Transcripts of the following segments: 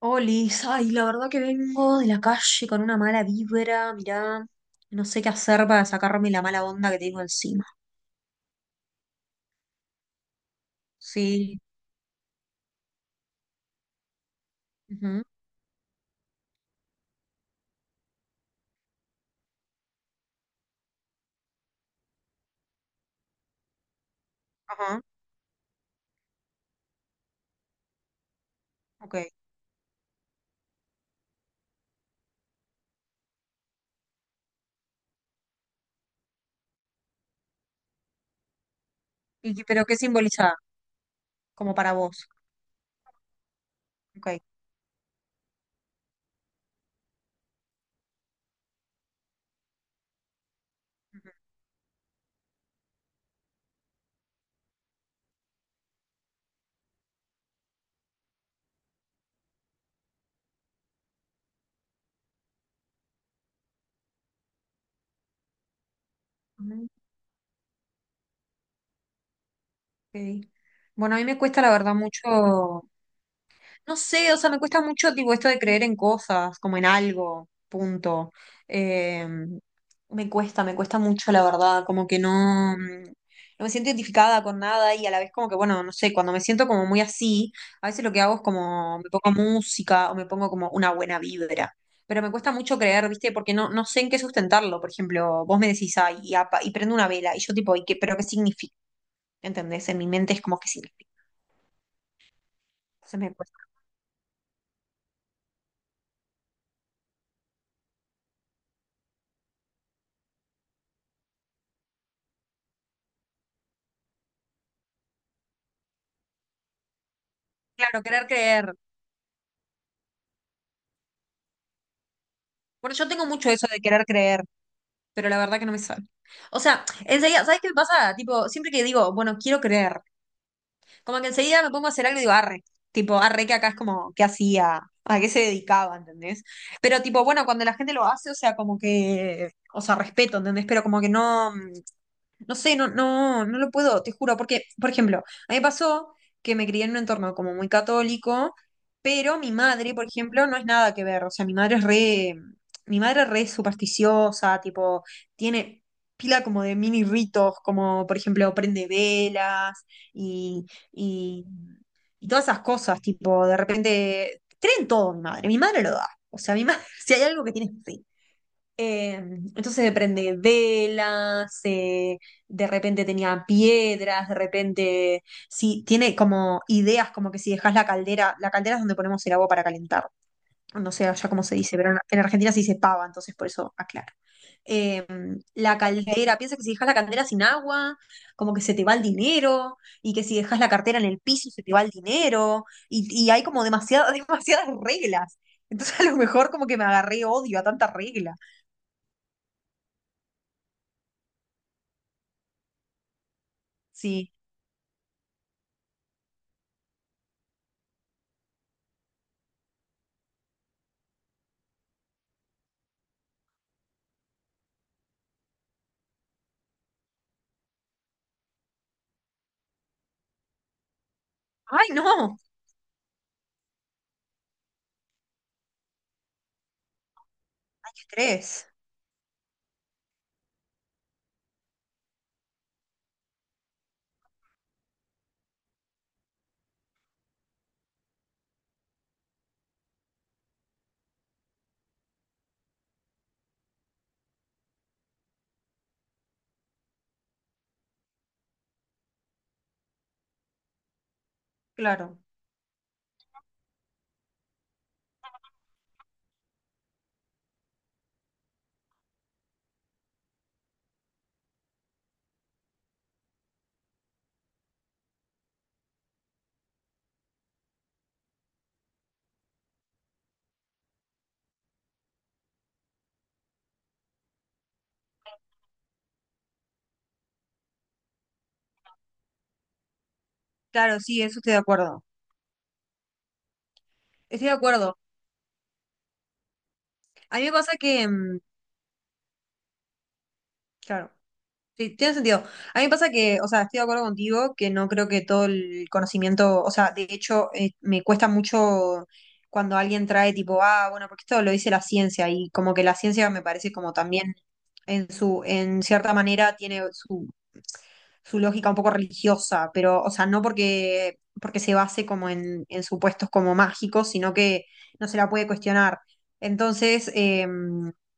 Olis, ay, la verdad que vengo de la calle con una mala vibra, mirá, no sé qué hacer para sacarme la mala onda que tengo encima. Sí, ujú, ajá, ok. ¿Y qué- pero qué simboliza? Como para vos. Ok, ujú, ujú, ok. Bueno, a mí me cuesta la verdad mucho. No sé, o sea, me cuesta mucho tipo esto de creer en cosas, como en algo, punto. Eh, Me cuesta, me cuesta mucho, la verdad, como que no, no me siento identificada con nada y a la vez como que, bueno, no sé, cuando me siento como muy así, a veces lo que hago es como me pongo música o me pongo como una buena vibra. Pero me cuesta mucho creer, ¿viste? Porque no, no sé en qué sustentarlo. Por ejemplo, vos me decís, ay, y, y prendo una vela, y yo tipo, ¿y qué, pero qué significa? ¿Entendés? En mi mente es como que significa. Entonces me cuesta. Claro, querer creer. Bueno, yo tengo mucho eso de querer creer, pero la verdad que no me sale. O sea, enseguida, ¿sabes qué me pasa? Tipo, siempre que digo, bueno, quiero creer, como que enseguida me pongo a hacer algo y digo, arre. Tipo, arre, que acá es como, ¿qué hacía? ¿A qué se dedicaba? ¿Entendés? Pero tipo, bueno, cuando la gente lo hace, o sea, como que, o sea, respeto, ¿entendés? Pero como que no. No sé, no, no, no lo puedo, te juro, porque, por ejemplo, a mí me pasó que me crié en un entorno como muy católico, pero mi madre, por ejemplo, no es nada que ver, o sea, mi madre es re, mi madre es re supersticiosa, tipo, tiene pila como de mini ritos, como, por ejemplo, prende velas y, y, y todas esas cosas, tipo, de repente, cree en todo mi madre lo da, o sea, mi madre, si hay algo que tiene, fe. Entonces se prende velas, de repente tenía piedras, de repente sí, tiene como ideas como que si dejas la caldera es donde ponemos el agua para calentar, no sé allá cómo se dice, pero en Argentina se dice pava, entonces por eso aclaro. Eh, la caldera, piensa que si dejas la caldera sin agua, como que se te va el dinero, y que si dejas la cartera en el piso se te va el dinero, y hay como demasiadas, demasiadas reglas. Entonces a lo mejor como que me agarré odio a tanta regla. Sí. Ay, no, ay, estrés. Claro, claro, sí, eso estoy de acuerdo. Estoy de acuerdo. A mí me pasa que, mm, claro, sí, tiene sentido. A mí me pasa que, o sea, estoy de acuerdo contigo, que no creo que todo el conocimiento, o sea, de hecho, me cuesta mucho cuando alguien trae tipo, ah, bueno, porque esto lo dice la ciencia y como que la ciencia me parece como también en cierta manera tiene su su lógica un poco religiosa, pero, o sea, no porque, porque se base como en supuestos como mágicos, sino que no se la puede cuestionar. Entonces,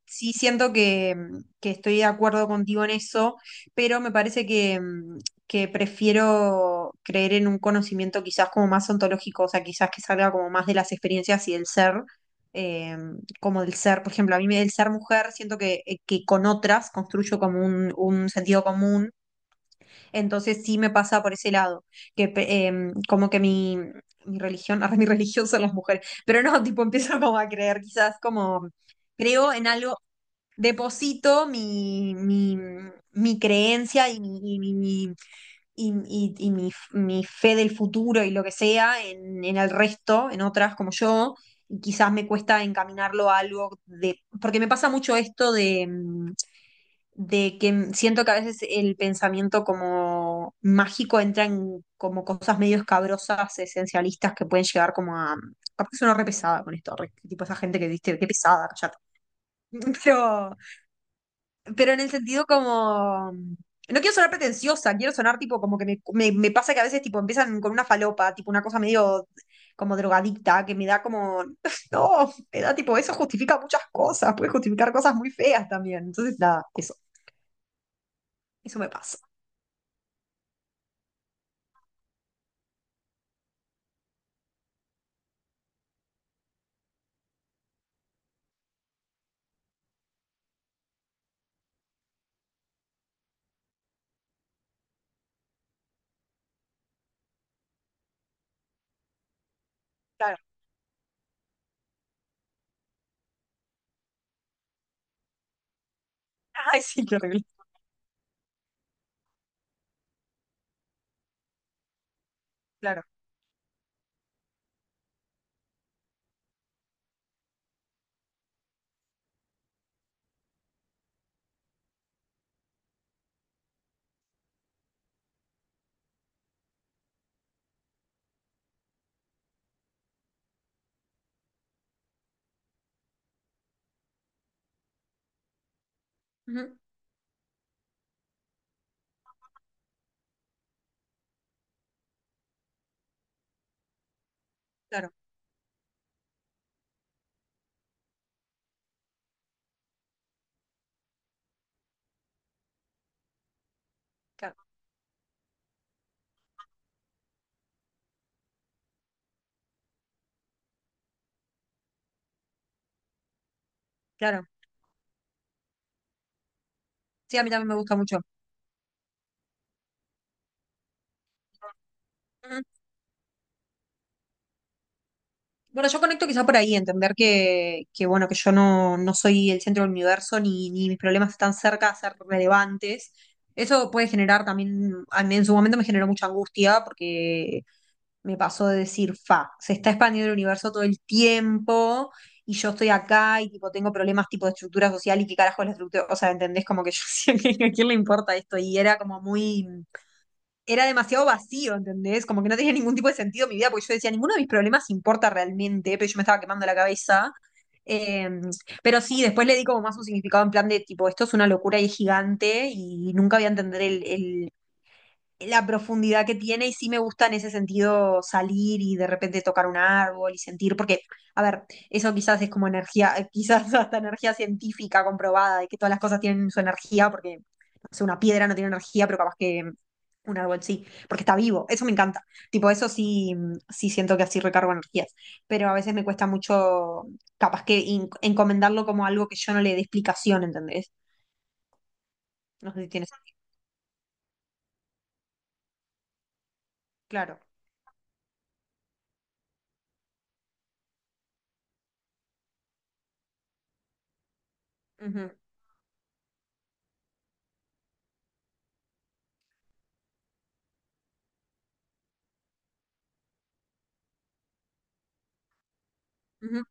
sí siento que estoy de acuerdo contigo en eso, pero me parece que, que prefiero creer en un conocimiento quizás como más ontológico, o sea, quizás que salga como más de las experiencias y del ser, eh, como del ser, por ejemplo, del ser mujer siento que con otras construyo como un sentido común, entonces sí me pasa por ese lado, que como que mi religión, ahora mi religión son las mujeres, pero no, tipo empiezo como a creer quizás como, creo en algo, deposito mi creencia y mi fe del futuro y lo que sea en el resto, en otras como yo, y quizás me cuesta encaminarlo a algo de, porque me pasa mucho esto de, de que siento que a veces el pensamiento como mágico entra en como cosas medio escabrosas, esencialistas que pueden llegar como a, capaz que sueno re pesada con esto, tipo esa gente que viste, qué pesada, cállate. Pero pero en el sentido como... No quiero sonar pretenciosa, quiero sonar tipo como que me, me pasa que a veces tipo empiezan con una falopa, tipo una cosa medio como drogadicta, que me da como... No, me da tipo, eso justifica muchas cosas, puede justificar cosas muy feas también. Entonces, nada, eso me pasa. Claro. Ay, sí, qué horrible. Claro. Ujú, claro, claro, claro. Sí, a mí también me gusta mucho. Ujú. Bueno, yo conecto quizá por ahí, entender que bueno, que yo no, no soy el centro del universo, ni, ni mis problemas están cerca de ser relevantes. Eso puede generar también, a mí en su momento me generó mucha angustia, porque me pasó de decir, fa, se está expandiendo el universo todo el tiempo, y yo estoy acá, y tipo tengo problemas tipo de estructura social, y qué carajo es la estructura, o sea, ¿entendés? Como que yo decía, ¿a quién le importa esto? Y era como muy, era demasiado vacío, ¿entendés? Como que no tenía ningún tipo de sentido mi vida, porque yo decía, ninguno de mis problemas importa realmente, pero yo me estaba quemando la cabeza. Eh, pero sí, después le di como más un significado en plan de tipo, esto es una locura y es gigante y nunca voy a entender el la profundidad que tiene y sí me gusta en ese sentido salir y de repente tocar un árbol y sentir, porque, a ver, eso quizás es como energía, quizás hasta energía científica comprobada, de que todas las cosas tienen su energía, porque no sé, una piedra no tiene energía, pero capaz que un árbol sí, porque está vivo, eso me encanta. Tipo, eso sí, sí siento que así recargo energías, pero a veces me cuesta mucho, capaz que encomendarlo como algo que yo no le dé explicación, ¿entendés? No sé si tienes... Claro. Ujú, ujú.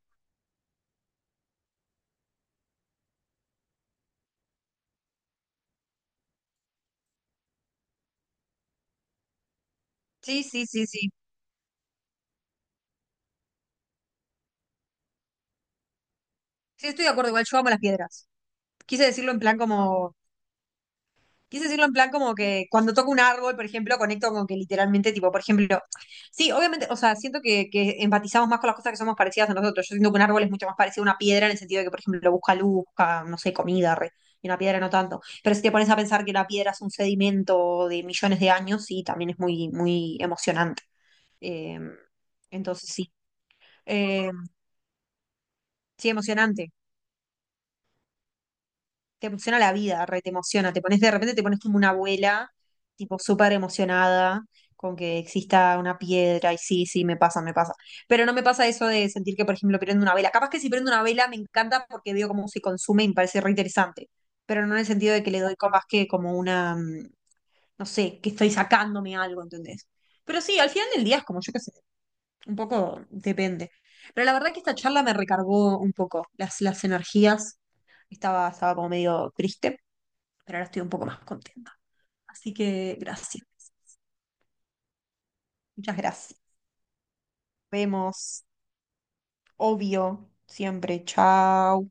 Sí, sí, sí, sí. Sí, estoy de acuerdo, igual yo amo las piedras. Quise decirlo en plan como, quise decirlo en plan como que cuando toco un árbol, por ejemplo, conecto con que literalmente, tipo, por ejemplo, sí, obviamente, o sea, siento que empatizamos más con las cosas que somos parecidas a nosotros. Yo siento que un árbol es mucho más parecido a una piedra en el sentido de que, por ejemplo, busca luz, busca, no sé, comida, re, y una piedra no tanto. Pero si te pones a pensar que la piedra es un sedimento de millones de años, sí, también es muy, muy emocionante. Eh, entonces, sí. Eh, sí, emocionante. Te emociona la vida, re, te emociona, te pones de repente, te pones como una abuela, tipo súper emocionada con que exista una piedra y sí, sí, me pasa, me pasa. Pero no me pasa eso de sentir que, por ejemplo, prendo una vela. Capaz que si prendo una vela me encanta porque veo cómo se consume y me parece re interesante, pero no en el sentido de que le doy capaz que como una, no sé, que estoy sacándome algo, ¿entendés? Pero sí, al final del día es como, yo qué sé, un poco depende. Pero la verdad que esta charla me recargó un poco las energías. Estaba como medio triste pero ahora estoy un poco más contenta. Así que gracias. Muchas gracias. Vemos, obvio, siempre. Chao.